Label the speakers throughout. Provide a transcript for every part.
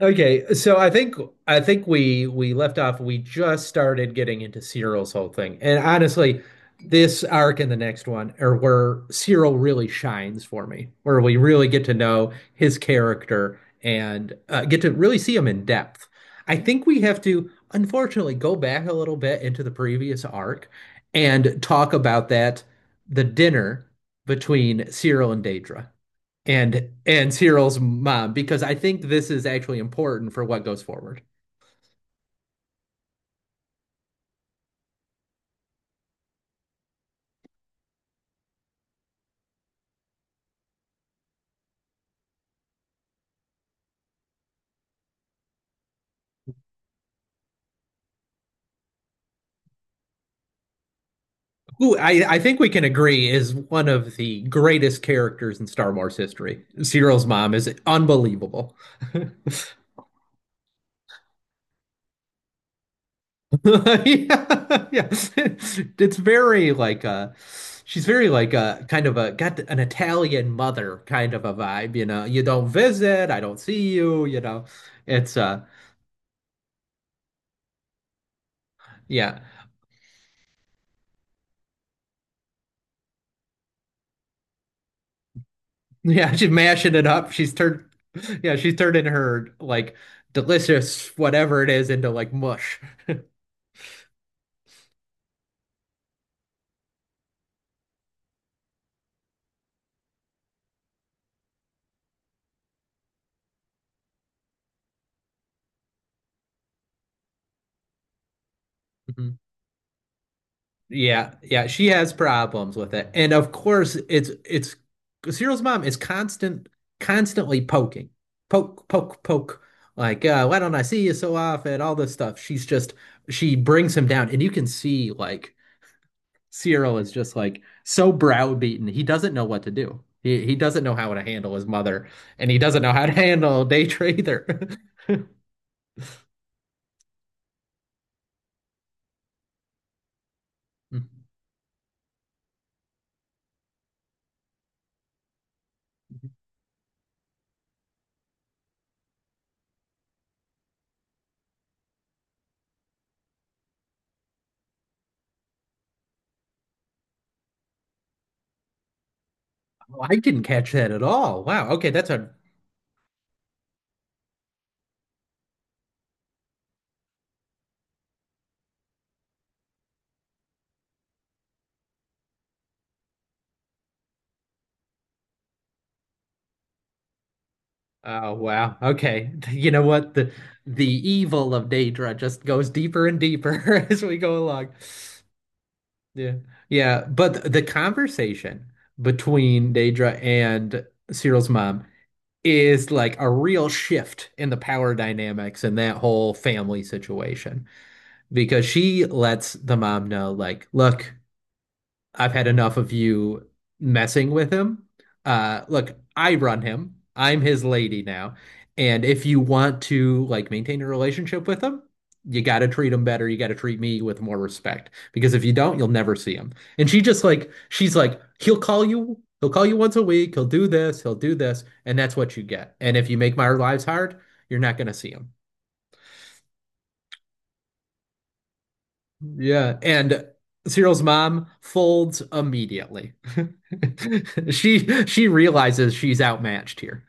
Speaker 1: Okay, so I think we left off. We just started getting into Cyril's whole thing, and honestly, this arc and the next one are where Cyril really shines for me, where we really get to know his character and get to really see him in depth. I think we have to, unfortunately, go back a little bit into the previous arc and talk about that the dinner between Cyril and Daedra and Cyril's mom because I think this is actually important for what goes forward. Who I think we can agree is one of the greatest characters in Star Wars history. Cyril's mom is unbelievable. Yeah, yeah. It's very like she's very like a kind of a got an Italian mother kind of a vibe, You don't visit, I don't see you, you know. It's yeah. Yeah, she's mashing it up. She's turning her like delicious whatever it is into like mush. Mm-hmm. Yeah, yeah, she has problems with it. And of course, it's Cyril's mom is constantly poking. Poke, poke, poke. Like, why don't I see you so often? All this stuff. She brings him down, and you can see like Cyril is just like so browbeaten. He doesn't know what to do. He doesn't know how to handle his mother, and he doesn't know how to handle Daetra either. Oh, I didn't catch that at all. Wow. Okay, that's a Oh wow. Okay. You know what? The evil of Daedra just goes deeper and deeper as we go along. Yeah. Yeah. But the conversation between Daedra and Cyril's mom is like a real shift in the power dynamics in that whole family situation because she lets the mom know, like, look. I've had enough of you messing with him. Look, I run him. I'm his lady now. And if you want to like maintain a relationship with him, you got to treat him better. You got to treat me with more respect because if you don't, you'll never see him. And she's like he'll call you. He'll call you once a week. He'll do this. He'll do this, and that's what you get. And if you make my lives hard, you're not going to see him. Yeah, and Cyril's mom folds immediately. She realizes she's outmatched here.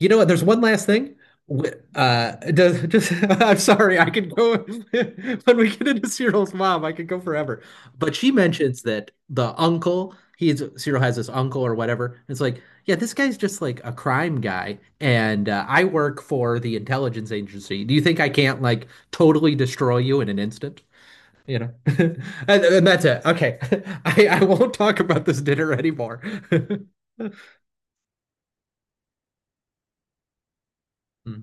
Speaker 1: You know what? There's one last thing. Wh- does, just I'm sorry, I could go when we get into Cyril's mom, I could go forever. But she mentions that the uncle, he's Cyril has this uncle or whatever. It's like, yeah, this guy's just like a crime guy, and I work for the intelligence agency. Do you think I can't like totally destroy you in an instant? You know. And that's it. Okay. I won't talk about this dinner anymore. Hmm.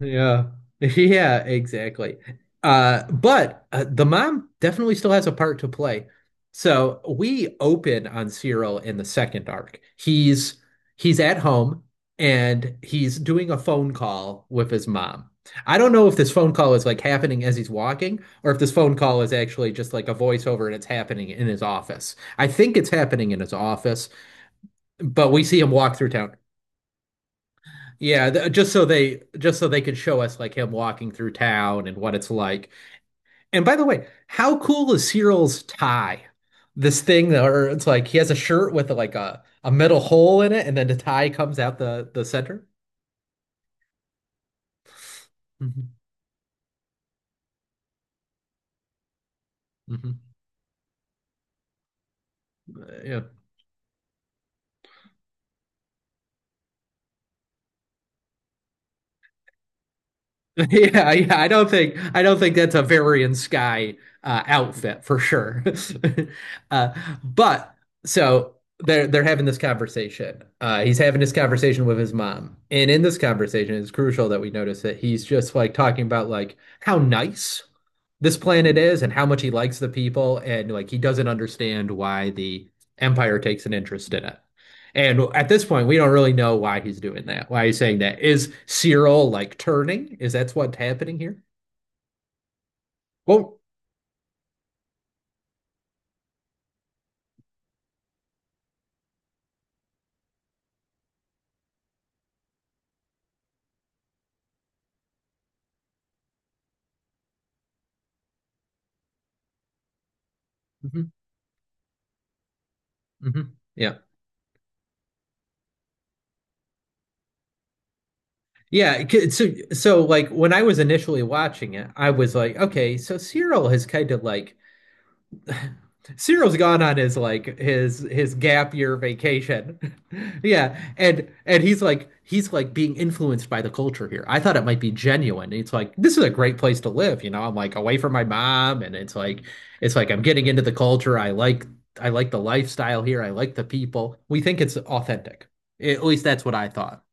Speaker 1: Yeah. Yeah, exactly. But the mom definitely still has a part to play. So we open on Cyril in the second arc. He's at home and he's doing a phone call with his mom. I don't know if this phone call is like happening as he's walking or if this phone call is actually just like a voiceover and it's happening in his office. I think it's happening in his office, but we see him walk through town. Yeah, th just so they could show us like him walking through town and what it's like. And by the way, how cool is Cyril's tie? This thing that- or It's like he has a shirt with like a metal hole in it, and then the tie comes out the center. Hmm hmm Yeah. Yeah, yeah, I don't think that's a Varian Sky outfit for sure. Uh, but so they're having this conversation. He's having this conversation with his mom, and in this conversation, it's crucial that we notice that he's just like talking about like how nice this planet is and how much he likes the people, and like he doesn't understand why the Empire takes an interest in it. And at this point, we don't really know why he's doing that, why he's saying that. Is Cyril like turning? Is that's what's happening here? Well, mhm, mhm, yeah. Yeah, so like when I was initially watching it, I was like, okay, so Cyril has kind of like Cyril's gone on his like his gap year vacation. Yeah, and he's like being influenced by the culture here. I thought it might be genuine. It's like this is a great place to live, I'm like away from my mom, and it's like I'm getting into the culture. I like the lifestyle here. I like the people. We think it's authentic. At least that's what I thought.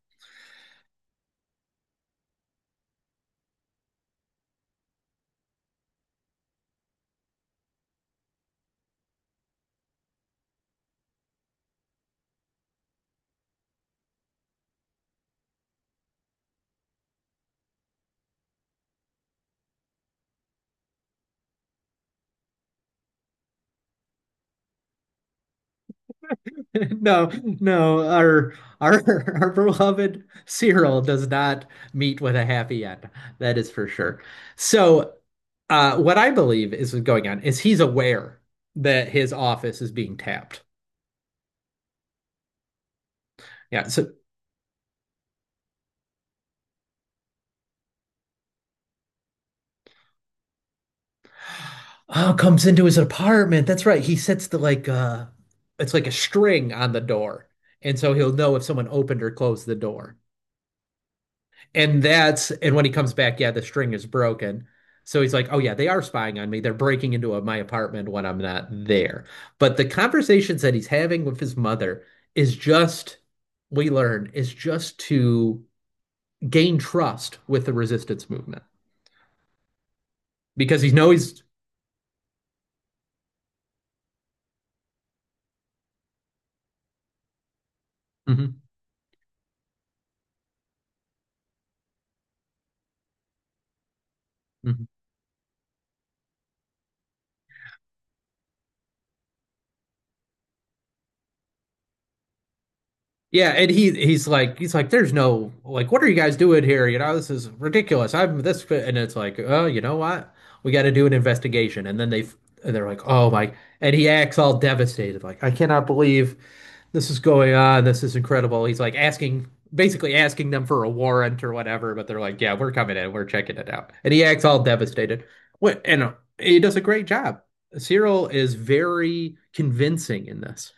Speaker 1: No, no, our our beloved Cyril does not meet with a happy end. That is for sure. So, what I believe is going on is he's aware that his office is being tapped. Yeah, so Oh, comes into his apartment. That's right. He sets the like it's like a string on the door. And so he'll know if someone opened or closed the door. And when he comes back, yeah, the string is broken. So he's like, "Oh yeah, they are spying on me. They're breaking into a, my apartment when I'm not there." But the conversations that he's having with his mother is just we learn is just to gain trust with the resistance movement because he knows he's Mhm. Yeah, and he he's like there's no like what are you guys doing here? You know, this is ridiculous. I'm this, and it's like, "Oh, you know what? We got to do an investigation." And they're like, "Oh my." And he acts all devastated like, "I cannot believe this is going on. This is incredible." He's like asking basically asking them for a warrant or whatever, but they're like, "Yeah, we're coming in. We're checking it out." And he acts all devastated. What and he does a great job. Cyril is very convincing in this.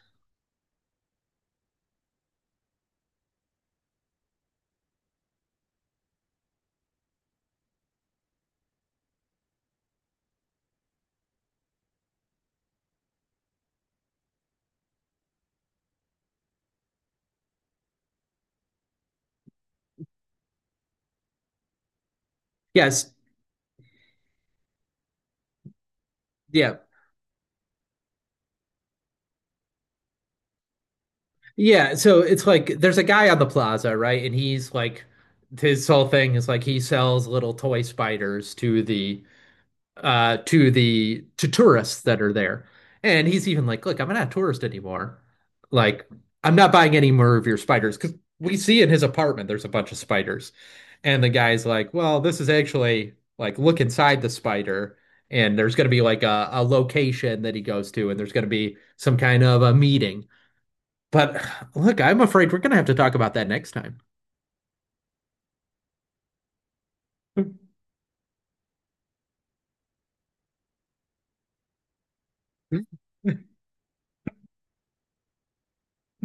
Speaker 1: Yes. Yeah, yeah, so it's like there's a guy on the plaza, right? And he's like his whole thing is like he sells little toy spiders to the to tourists that are there. And he's even like, "Look, I'm not a tourist anymore. Like I'm not buying any more of your spiders because we see in his apartment there's a bunch of spiders." And the guy's like, "Well, this is actually like look inside the spider." And there's going to be like a location that he goes to, and there's going to be some kind of a meeting. But look, I'm afraid we're going to have to talk about that next time.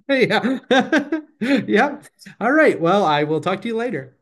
Speaker 1: Yeah. Yeah. All right. Well, I will talk to you later.